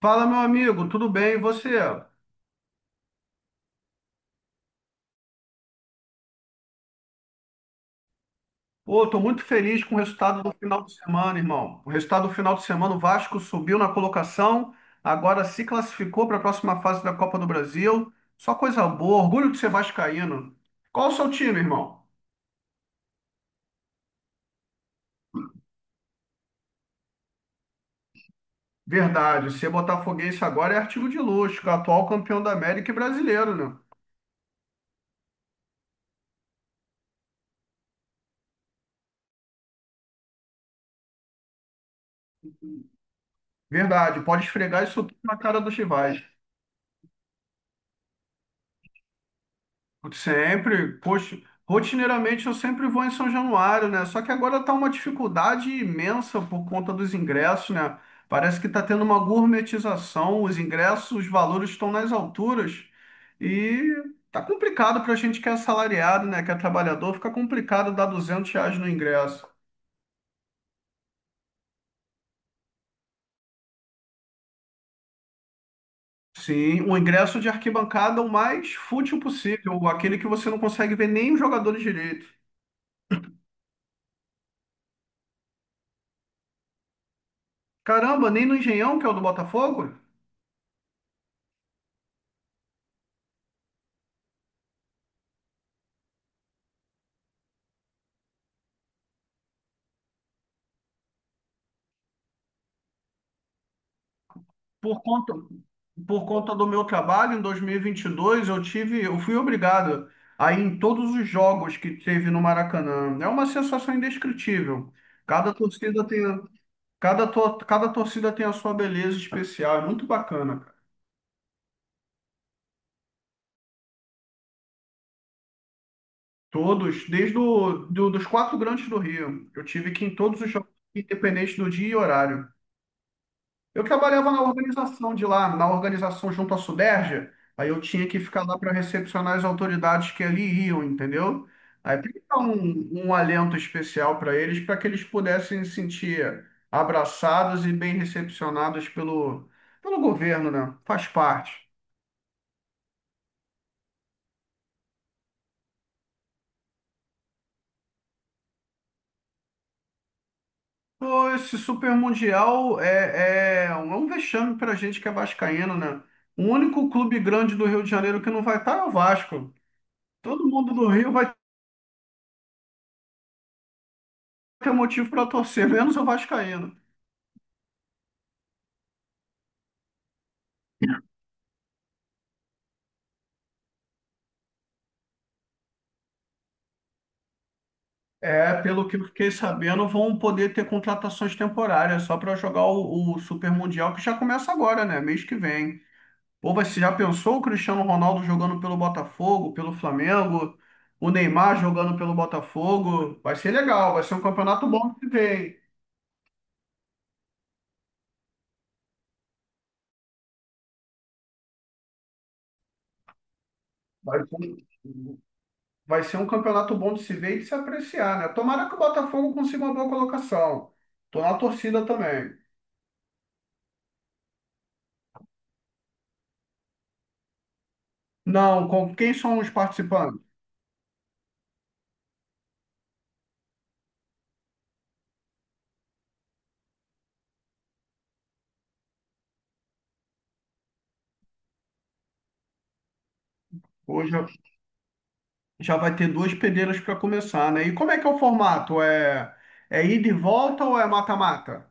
Fala, meu amigo, tudo bem? E você? Pô, tô muito feliz com o resultado do final de semana, irmão. O resultado do final de semana, o Vasco subiu na colocação, agora se classificou para a próxima fase da Copa do Brasil. Só coisa boa, orgulho de ser vascaíno. Qual o seu time, irmão? Verdade, ser botafoguense agora é artigo de luxo, atual campeão da América e brasileiro, né? Verdade, pode esfregar isso tudo na cara dos rivais. Sempre, poxa, rotineiramente eu sempre vou em São Januário, né? Só que agora tá uma dificuldade imensa por conta dos ingressos, né? Parece que tá tendo uma gourmetização, os ingressos, os valores estão nas alturas e tá complicado pra gente que é assalariado, né? Que é trabalhador, fica complicado dar R$ 200 no ingresso. Sim, o ingresso de arquibancada é o mais fútil possível, aquele que você não consegue ver nem os jogador direito. Caramba, nem no Engenhão, que é o do Botafogo? Por conta, por conta do meu trabalho, em dois mil e vinte e dois eu fui obrigado a ir em todos os jogos que teve no Maracanã. É uma sensação indescritível. Cada torcida tem, cada torcida tem a sua beleza especial. É muito bacana, cara. Todos, desde dos quatro grandes do Rio. Eu tive que ir em todos os jogos, independente do dia e horário. Eu trabalhava na organização de lá, na organização junto à Suderja, aí eu tinha que ficar lá para recepcionar as autoridades que ali iam, entendeu? Aí tem que dar um alento especial para eles, para que eles pudessem se sentir abraçados e bem recepcionados pelo governo, né? Faz parte. Pô, esse Super Mundial é um vexame para a gente que é vascaíno, né? O único clube grande do Rio de Janeiro que não vai estar é o Vasco. Todo mundo do Rio vai ter motivo para torcer, menos o Vascaíno. É, pelo que eu fiquei sabendo, vão poder ter contratações temporárias só para jogar o Super Mundial, que já começa agora, né? Mês que vem. Ou você já pensou o Cristiano Ronaldo jogando pelo Botafogo, pelo Flamengo, o Neymar jogando pelo Botafogo? Vai ser legal, vai ser um campeonato bom de se ver, hein? Vai ser, um, vai ser um campeonato bom de se ver e de se apreciar, né? Tomara que o Botafogo consiga uma boa colocação. Tô na torcida também. Não, com quem são os participantes? Hoje já vai ter duas peneiras para começar, né? E como é que é o formato? É ida e volta ou é mata-mata?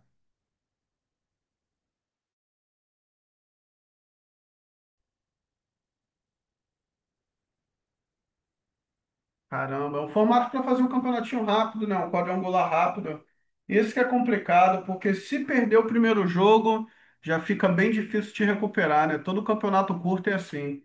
Caramba, é um formato para fazer um campeonatinho rápido, né? Um quadrangular rápido. Isso que é complicado, porque se perder o primeiro jogo, já fica bem difícil te recuperar, né? Todo campeonato curto é assim.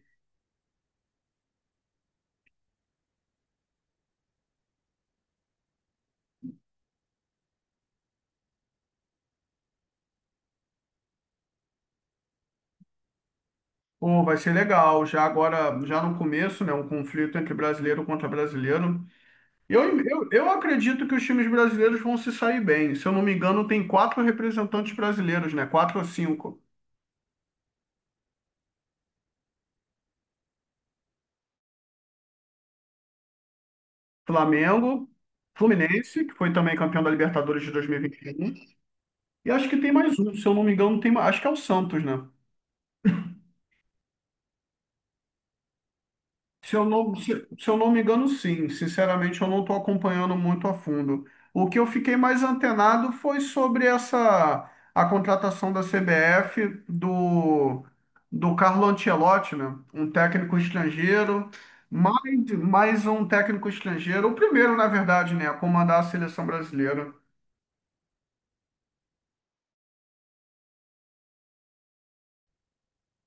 Pô, vai ser legal. Já agora, já no começo, né? Um conflito entre brasileiro contra brasileiro. Eu acredito que os times brasileiros vão se sair bem. Se eu não me engano, tem quatro representantes brasileiros, né? Quatro ou cinco. Flamengo, Fluminense, que foi também campeão da Libertadores de 2021. E vinte e um. E acho que tem mais um, se eu não me engano, acho que é o Santos, né? Se eu não me engano, sim. Sinceramente, eu não estou acompanhando muito a fundo. O que eu fiquei mais antenado foi sobre essa a contratação da CBF do Carlo Ancelotti, né? Um técnico estrangeiro, mais, mais um técnico estrangeiro, o primeiro, na verdade, né, a comandar a seleção brasileira.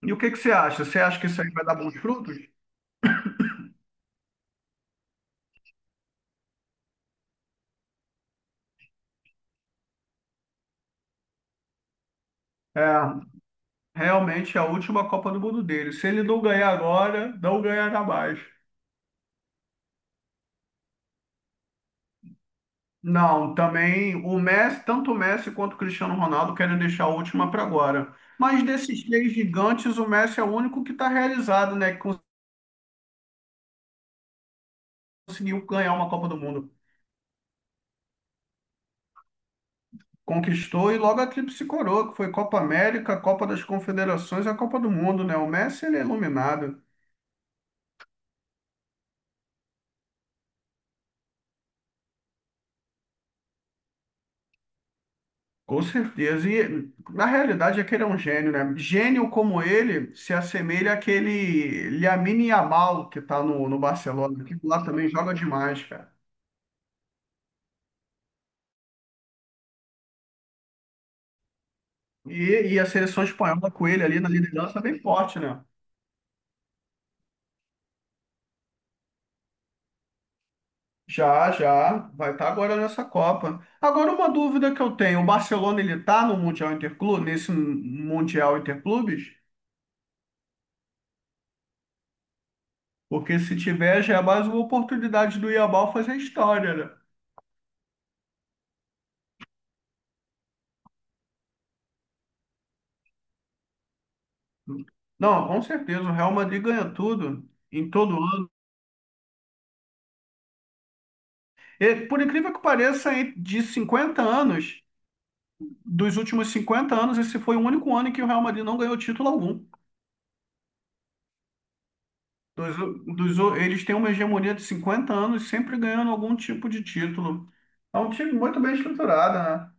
E o que que você acha? Você acha que isso aí vai dar bons frutos? É, realmente é a última Copa do Mundo dele. Se ele não ganhar agora, não ganhará mais. Não, também o Messi, tanto o Messi quanto o Cristiano Ronaldo querem deixar a última para agora. Mas desses três gigantes, o Messi é o único que está realizado, né? Que conseguiu ganhar uma Copa do Mundo. Conquistou e logo a tríplice coroa, que foi Copa América, Copa das Confederações e a Copa do Mundo, né? O Messi, ele é iluminado, com certeza. E na realidade é que ele é um gênio, né? Gênio como ele se assemelha àquele Lamine Yamal que está no Barcelona, que lá também joga demais, cara. E a seleção espanhola com ele ali na liderança é bem forte, né? Vai estar agora nessa Copa. Agora uma dúvida que eu tenho, o Barcelona ele tá no Mundial Interclube, nesse Mundial Interclubes? Porque se tiver já é mais uma oportunidade do Yamal fazer história, né? Não, com certeza, o Real Madrid ganha tudo em todo ano. E, por incrível que pareça, de 50 anos, dos últimos 50 anos, esse foi o único ano em que o Real Madrid não ganhou título algum. Dos, eles têm uma hegemonia de 50 anos, sempre ganhando algum tipo de título. É um time muito bem estruturado, né?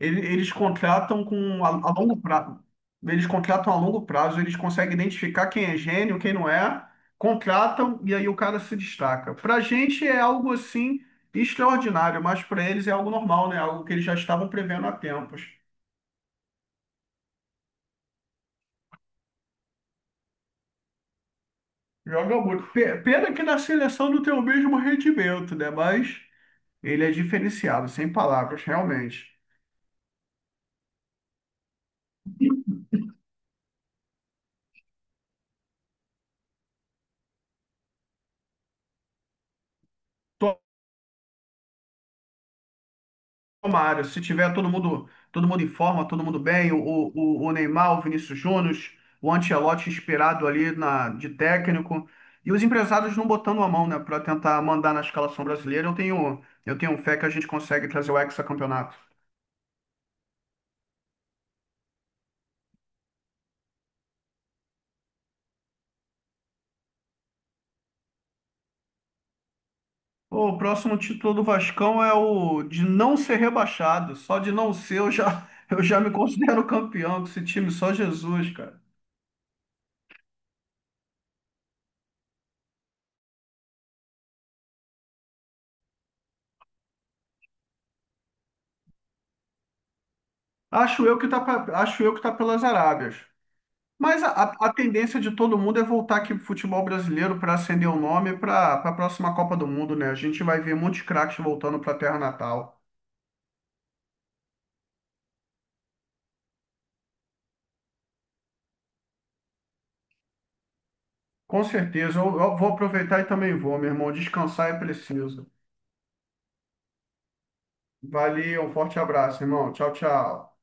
Eles contratam com a longo prazo. Eles contratam a longo prazo, eles conseguem identificar quem é gênio, quem não é, contratam e aí o cara se destaca. Para a gente é algo assim extraordinário, mas para eles é algo normal, né? Algo que eles já estavam prevendo há tempos. Joga muito. Pena que na seleção não tem o mesmo rendimento, né? Mas. Ele é diferenciado, sem palavras, realmente. Tomara, se tiver todo mundo em forma, todo mundo bem, o Neymar, o Vinícius Júnior, o Ancelotti inspirado ali na, de técnico, e os empresários não botando a mão, né, para tentar mandar na escalação brasileira, eu tenho fé que a gente consegue trazer o hexacampeonato. O próximo título do Vascão é o de não ser rebaixado. Só de não ser, eu já, eu já me considero campeão com esse time, só Jesus, cara. Acho eu que tá pelas Arábias. Mas a tendência de todo mundo é voltar aqui pro futebol brasileiro para acender o nome para a próxima Copa do Mundo, né? A gente vai ver muitos craques voltando para a terra natal. Com certeza. Eu vou aproveitar e também vou, meu irmão. Descansar é preciso. Valeu, um forte abraço, irmão. Tchau, tchau.